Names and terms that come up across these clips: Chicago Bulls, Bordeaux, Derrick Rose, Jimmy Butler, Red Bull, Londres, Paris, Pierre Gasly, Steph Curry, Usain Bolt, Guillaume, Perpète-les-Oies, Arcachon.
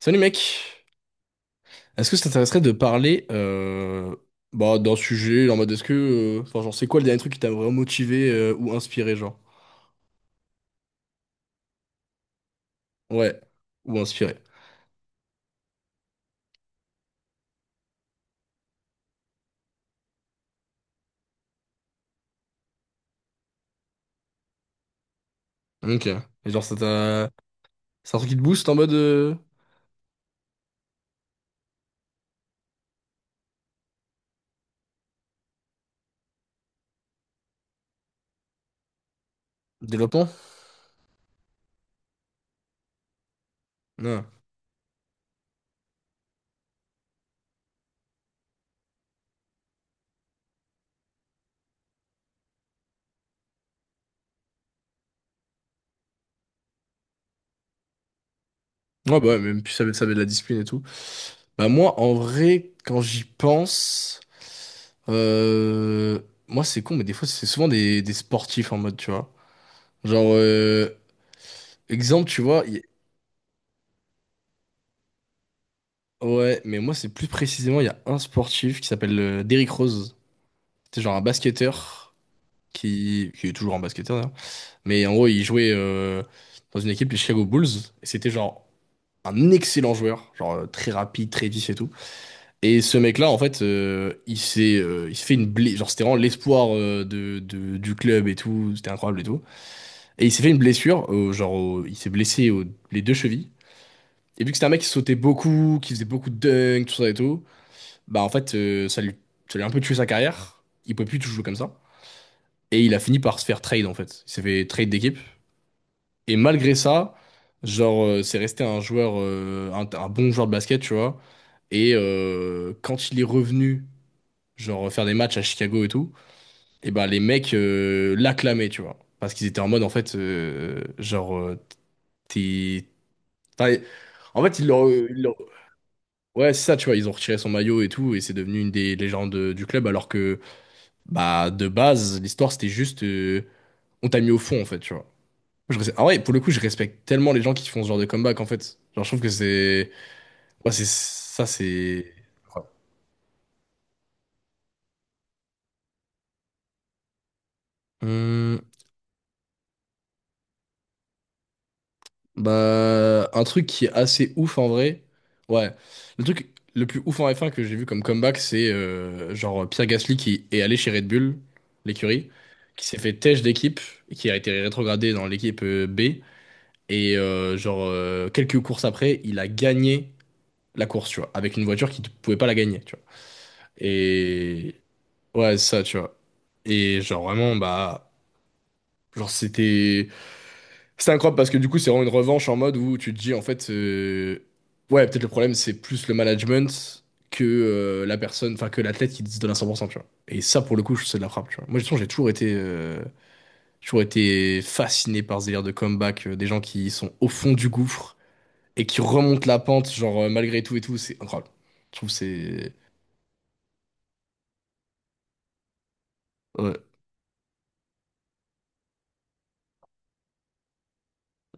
Salut mec, est-ce que ça t'intéresserait de parler d'un sujet en mode est-ce que enfin genre c'est quoi le dernier truc qui t'a vraiment motivé ou inspiré genre? Ouais, ou inspiré. Ok. Et genre ça t'a c'est un truc qui te booste en mode développement? Non. Ouais bah ouais, même puis ça met de la discipline et tout. Bah moi en vrai quand j'y pense, euh, moi c'est con mais des fois c'est souvent des sportifs en mode tu vois. Genre exemple tu vois. Ouais, mais moi, c'est plus précisément, il y a un sportif qui s'appelle Derrick Rose. C'est genre un basketteur qui est toujours un basketteur d'ailleurs. Mais en gros, il jouait dans une équipe, les Chicago Bulls. Et c'était genre un excellent joueur, genre très rapide, très vif et tout. Et ce mec-là, en fait, il s'est fait une blessure. Genre, c'était vraiment l'espoir du club et tout. C'était incroyable et tout. Et il s'est fait une blessure, genre, il s'est blessé aux les deux chevilles. Et vu que c'était un mec qui sautait beaucoup, qui faisait beaucoup de dunks, tout ça et tout. Bah en fait, ça lui a un peu tué sa carrière. Il pouvait plus tout jouer comme ça. Et il a fini par se faire trade en fait. Il s'est fait trade d'équipe. Et malgré ça, genre, c'est resté un joueur, un bon joueur de basket, tu vois. Et quand il est revenu, genre, faire des matchs à Chicago et tout, et bah les mecs l'acclamaient, tu vois. Parce qu'ils étaient en mode, en fait, genre, t'es. Enfin, en fait, ils l'ont. Ils l'ont- Ouais, c'est ça, tu vois, ils ont retiré son maillot et tout, et c'est devenu une des légendes du club, alors que. Bah, de base, l'histoire, c'était juste. On t'a mis au fond, en fait, tu vois. Ah ouais, pour le coup, je respecte tellement les gens qui font ce genre de comeback, en fait. Genre, je trouve que c'est. Ouais, c'est. Ça, c'est incroyable. Hum, bah, un truc qui est assez ouf en vrai. Ouais. Le truc le plus ouf en F1 que j'ai vu comme comeback, c'est genre Pierre Gasly qui est allé chez Red Bull, l'écurie, qui s'est fait têche d'équipe, qui a été rétrogradé dans l'équipe B. Et quelques courses après, il a gagné la course, tu vois, avec une voiture qui ne pouvait pas la gagner, tu vois. Et ouais, ça, tu vois. Et genre vraiment, bah, genre c'était c'était incroyable parce que du coup, c'est vraiment une revanche en mode où tu te dis en fait, ouais, peut-être le problème c'est plus le management que la personne, enfin que l'athlète qui se donne à 100%, tu vois. Et ça, pour le coup, c'est de la frappe, tu vois. Moi, de toute façon, j'ai toujours été fasciné par ce délire de comeback, des gens qui sont au fond du gouffre et qui remontent la pente, genre malgré tout et tout, c'est incroyable. Je trouve que c'est ouais.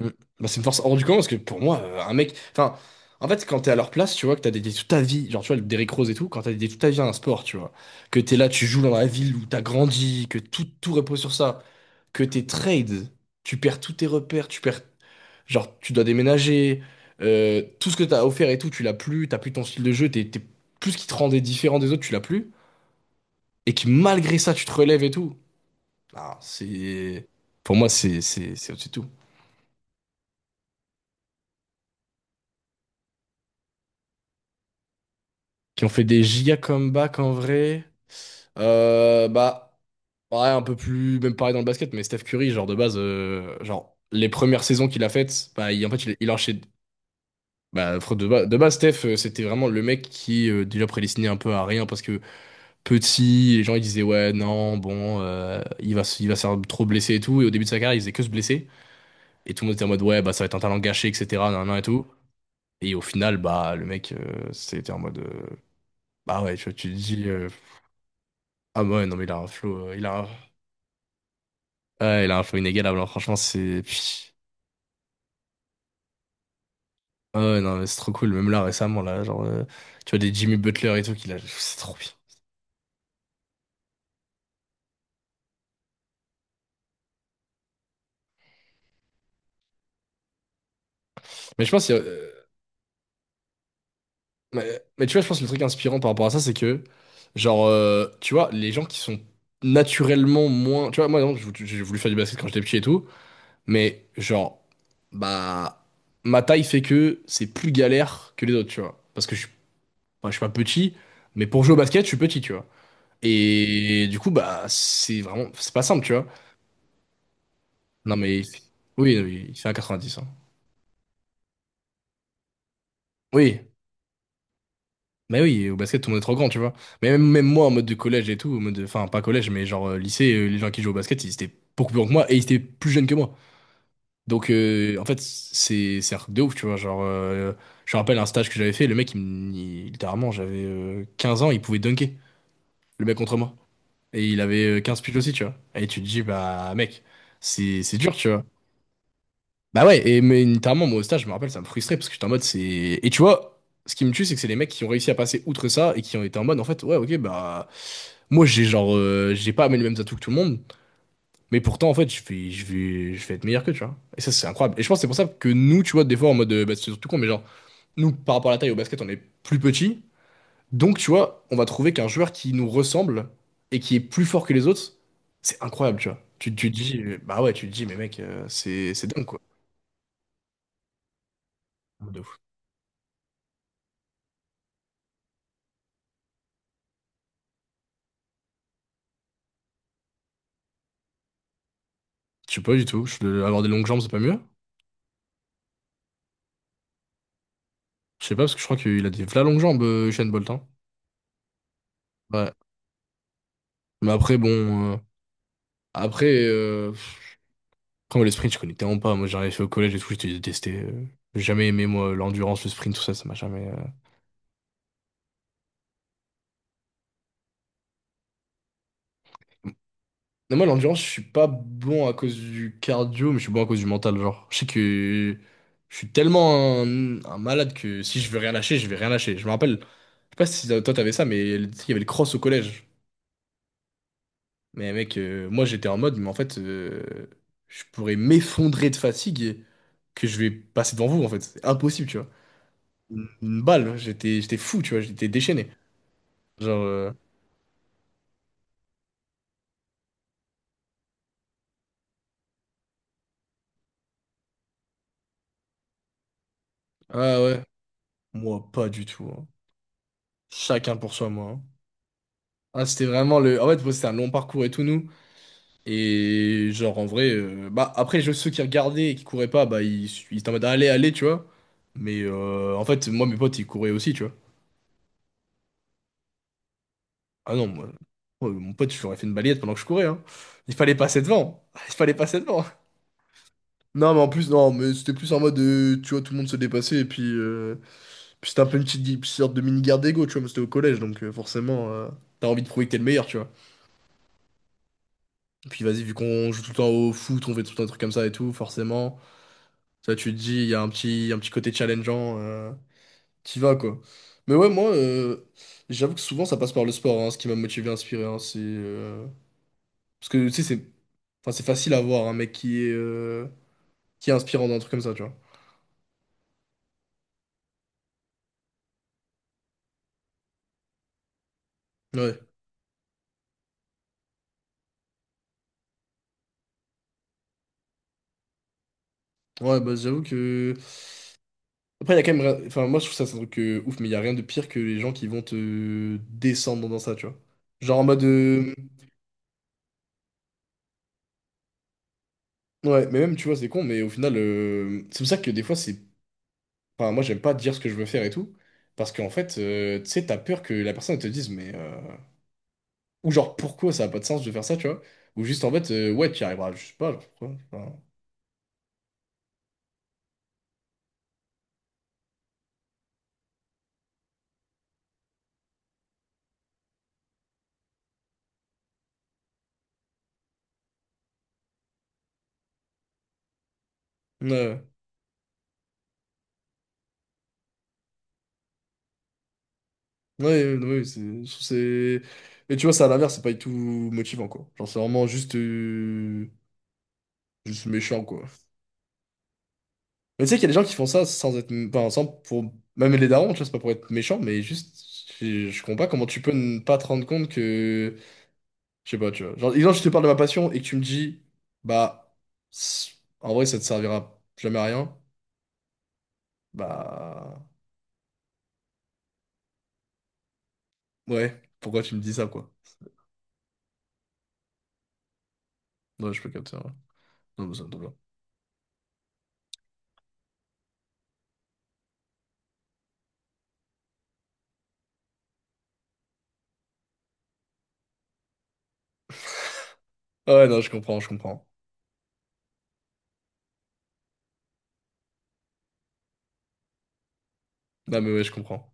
Mm. Bah, c'est une force hors du commun parce que pour moi, un mec. Enfin, en fait, quand t'es à leur place, tu vois, que t'as dédié toute ta vie, genre tu vois, le Derrick Rose et tout, quand t'as dédié toute ta vie à un sport, tu vois, que t'es là, tu joues dans la ville où t'as grandi, que tout repose sur ça, que t'es trade, tu perds tous tes repères, tu perds. Genre, tu dois déménager, tout ce que t'as offert et tout, tu l'as plus, t'as plus ton style de jeu, tout ce qui te rendait différent des autres, tu l'as plus, et que malgré ça, tu te relèves et tout. Ah, c'est. Pour moi, c'est au-dessus de tout. Qui ont fait des giga comebacks en vrai. Bah, pareil, un peu plus, même pareil dans le basket, mais Steph Curry, genre de base, genre les premières saisons qu'il a faites, bah, il, en fait, il a enchaîné. De base, Steph, c'était vraiment le mec qui déjà prédestinait un peu à rien parce que petit, les gens ils disaient ouais, non, bon, il va se faire trop blesser et tout. Et au début de sa carrière, il faisait que se blesser. Et tout le monde était en mode ouais, bah, ça va être un talent gâché, etc. nan, nan, et tout. Et au final, bah, le mec, c'était en mode bah ouais, tu te dis ah ouais, non, mais il a un flow, il a un. Ouais, il a un flow inégalable, hein. Franchement, c'est... Puis... Ah ouais, non, mais c'est trop cool. Même là, récemment, là, genre... tu vois, des Jimmy Butler et tout, qu'il a... C'est trop bien. Mais je pense... Mais, tu vois, je pense que le truc inspirant par rapport à ça, c'est que... Genre, tu vois, les gens qui sont naturellement moins... Tu vois, moi, non, j'ai voulu faire du basket quand j'étais petit et tout. Mais, genre... Bah... Ma taille fait que c'est plus galère que les autres, tu vois. Parce que enfin, je suis pas petit, mais pour jouer au basket, je suis petit, tu vois. Et du coup, bah, c'est vraiment... C'est pas simple, tu vois. Non, mais il- oui, oui, il fait un 90. Hein. Oui, mais oui, au basket, tout le monde est trop grand, tu vois. Mais même moi, en mode de collège et tout, enfin, pas collège, mais genre lycée, les gens qui jouent au basket, ils étaient beaucoup plus grands que moi et ils étaient plus jeunes que moi. Donc, en fait, c'est un truc de ouf, tu vois. Genre, je me rappelle un stage que j'avais fait, le mec, il, me- il- littéralement, j'avais 15 ans, il pouvait dunker, le mec contre moi. Et il avait 15 piges aussi, tu vois. Et tu te dis, bah, mec, c'est dur, tu vois. Bah ouais, et mais notamment moi au stage, je me rappelle, ça me frustrait parce que j'étais en mode c'est. Et tu vois, ce qui me tue, c'est que c'est les mecs qui ont réussi à passer outre ça et qui ont été en mode en fait, ouais, ok, bah. Moi j'ai genre. J'ai pas amené les mêmes atouts que tout le monde, mais pourtant en fait, je vais être meilleur que, tu vois. Et ça, c'est incroyable. Et je pense que c'est pour ça que nous, tu vois, des fois en mode. Bah, c'est surtout con, mais genre, nous par rapport à la taille au basket, on est plus petit. Donc tu vois, on va trouver qu'un joueur qui nous ressemble et qui est plus fort que les autres, c'est incroyable, tu vois. Tu te dis, bah ouais, tu te dis, mais mec, c'est dingue quoi. De je sais pas du tout. Avoir des longues jambes, c'est pas mieux? Je sais pas, parce que je crois qu'il a des v'là longues jambes, Usain Bolt. Hein. Ouais. Mais après, bon. Après, euh, après, moi, les sprints, je connais tellement pas. Moi, j'en ai fait au collège et tout, j'ai détesté. J'ai jamais aimé, moi, l'endurance, le sprint, tout ça, ça m'a jamais. Euh. Mais moi, l'endurance, je suis pas bon à cause du cardio, mais je suis bon à cause du mental. Genre, je sais que je suis tellement un malade que si je veux rien lâcher, je vais rien lâcher. Je me rappelle, je sais pas si toi t'avais ça, mais il y avait le cross au collège. Mais mec, moi j'étais en mode, mais en fait, je pourrais m'effondrer de fatigue et que je vais passer devant vous, en fait. C'est impossible, tu vois. Une balle, j'étais fou, tu vois, j'étais déchaîné. Genre, ah ouais, moi pas du tout. Hein. Chacun pour soi, moi. Hein. Ah, c'était vraiment le. En fait, bon, c'était un long parcours et tout, nous. Et genre, en vrai, bah après, ceux qui regardaient et qui couraient pas, ils étaient en mode, allez, allez, tu vois. Mais en fait, moi, mes potes, ils couraient aussi, tu vois. Ah non, moi, moi, mon pote, je lui aurais fait une balayette pendant que je courais, hein. Il fallait passer devant. Il fallait passer devant. Non, mais en plus, non, mais c'était plus en mode, tu vois, tout le monde se dépassait, et puis, c'était un peu une petite, sorte de mini-guerre d'ego, tu vois, mais c'était au collège, donc forcément, t'as envie de prouver que t'es le meilleur, tu vois. Et puis vas-y, vu qu'on joue tout le temps au foot, on fait tout le temps des trucs comme ça et tout, forcément, ça, tu te dis, il y a un petit côté challengeant, qui va, quoi. Mais ouais, moi, j'avoue que souvent, ça passe par le sport, hein, ce qui m'a motivé, inspiré, hein, c'est... parce que, tu sais, c'est enfin, c'est facile à voir un mec qui est inspirant dans un truc comme ça, tu vois. Ouais. Ouais, bah j'avoue que. Après, il y a quand même. Enfin, moi, je trouve ça, c'est un truc ouf, mais il n'y a rien de pire que les gens qui vont te descendre dans ça, tu vois. Genre en mode. Ouais, mais même, tu vois, c'est con, mais au final, c'est pour ça que des fois, c'est. Enfin, moi, j'aime pas dire ce que je veux faire et tout. Parce qu'en fait, tu sais, t'as peur que la personne elle te dise, mais. Ou genre, pourquoi ça a pas de sens de faire ça, tu vois? Ou juste en fait, ouais, tu y arriveras, je sais pas, genre, pourquoi. Enfin, ouais. Ouais, ouais, c'est, je trouve c'est... Et tu vois, ça à l'inverse, c'est pas du tout motivant, quoi. Genre, c'est vraiment juste, juste méchant, quoi. Mais tu sais qu'il y a des gens qui font ça sans être... Enfin, sans... Pour... Même les darons, tu vois, c'est pas pour être méchant, mais juste... je comprends pas comment tu peux ne pas te rendre compte que... Je sais pas, tu vois. Genre, exemple, je te parle de ma passion et que tu me dis... Bah... c'est- En vrai, ça te servira jamais à rien. Bah... Ouais, pourquoi tu me dis ça, quoi? Ouais, je peux capter, ouais. Non, mais ça me tombe bien. Ah ouais, non, je comprends, je comprends. Non, mais ouais, je comprends.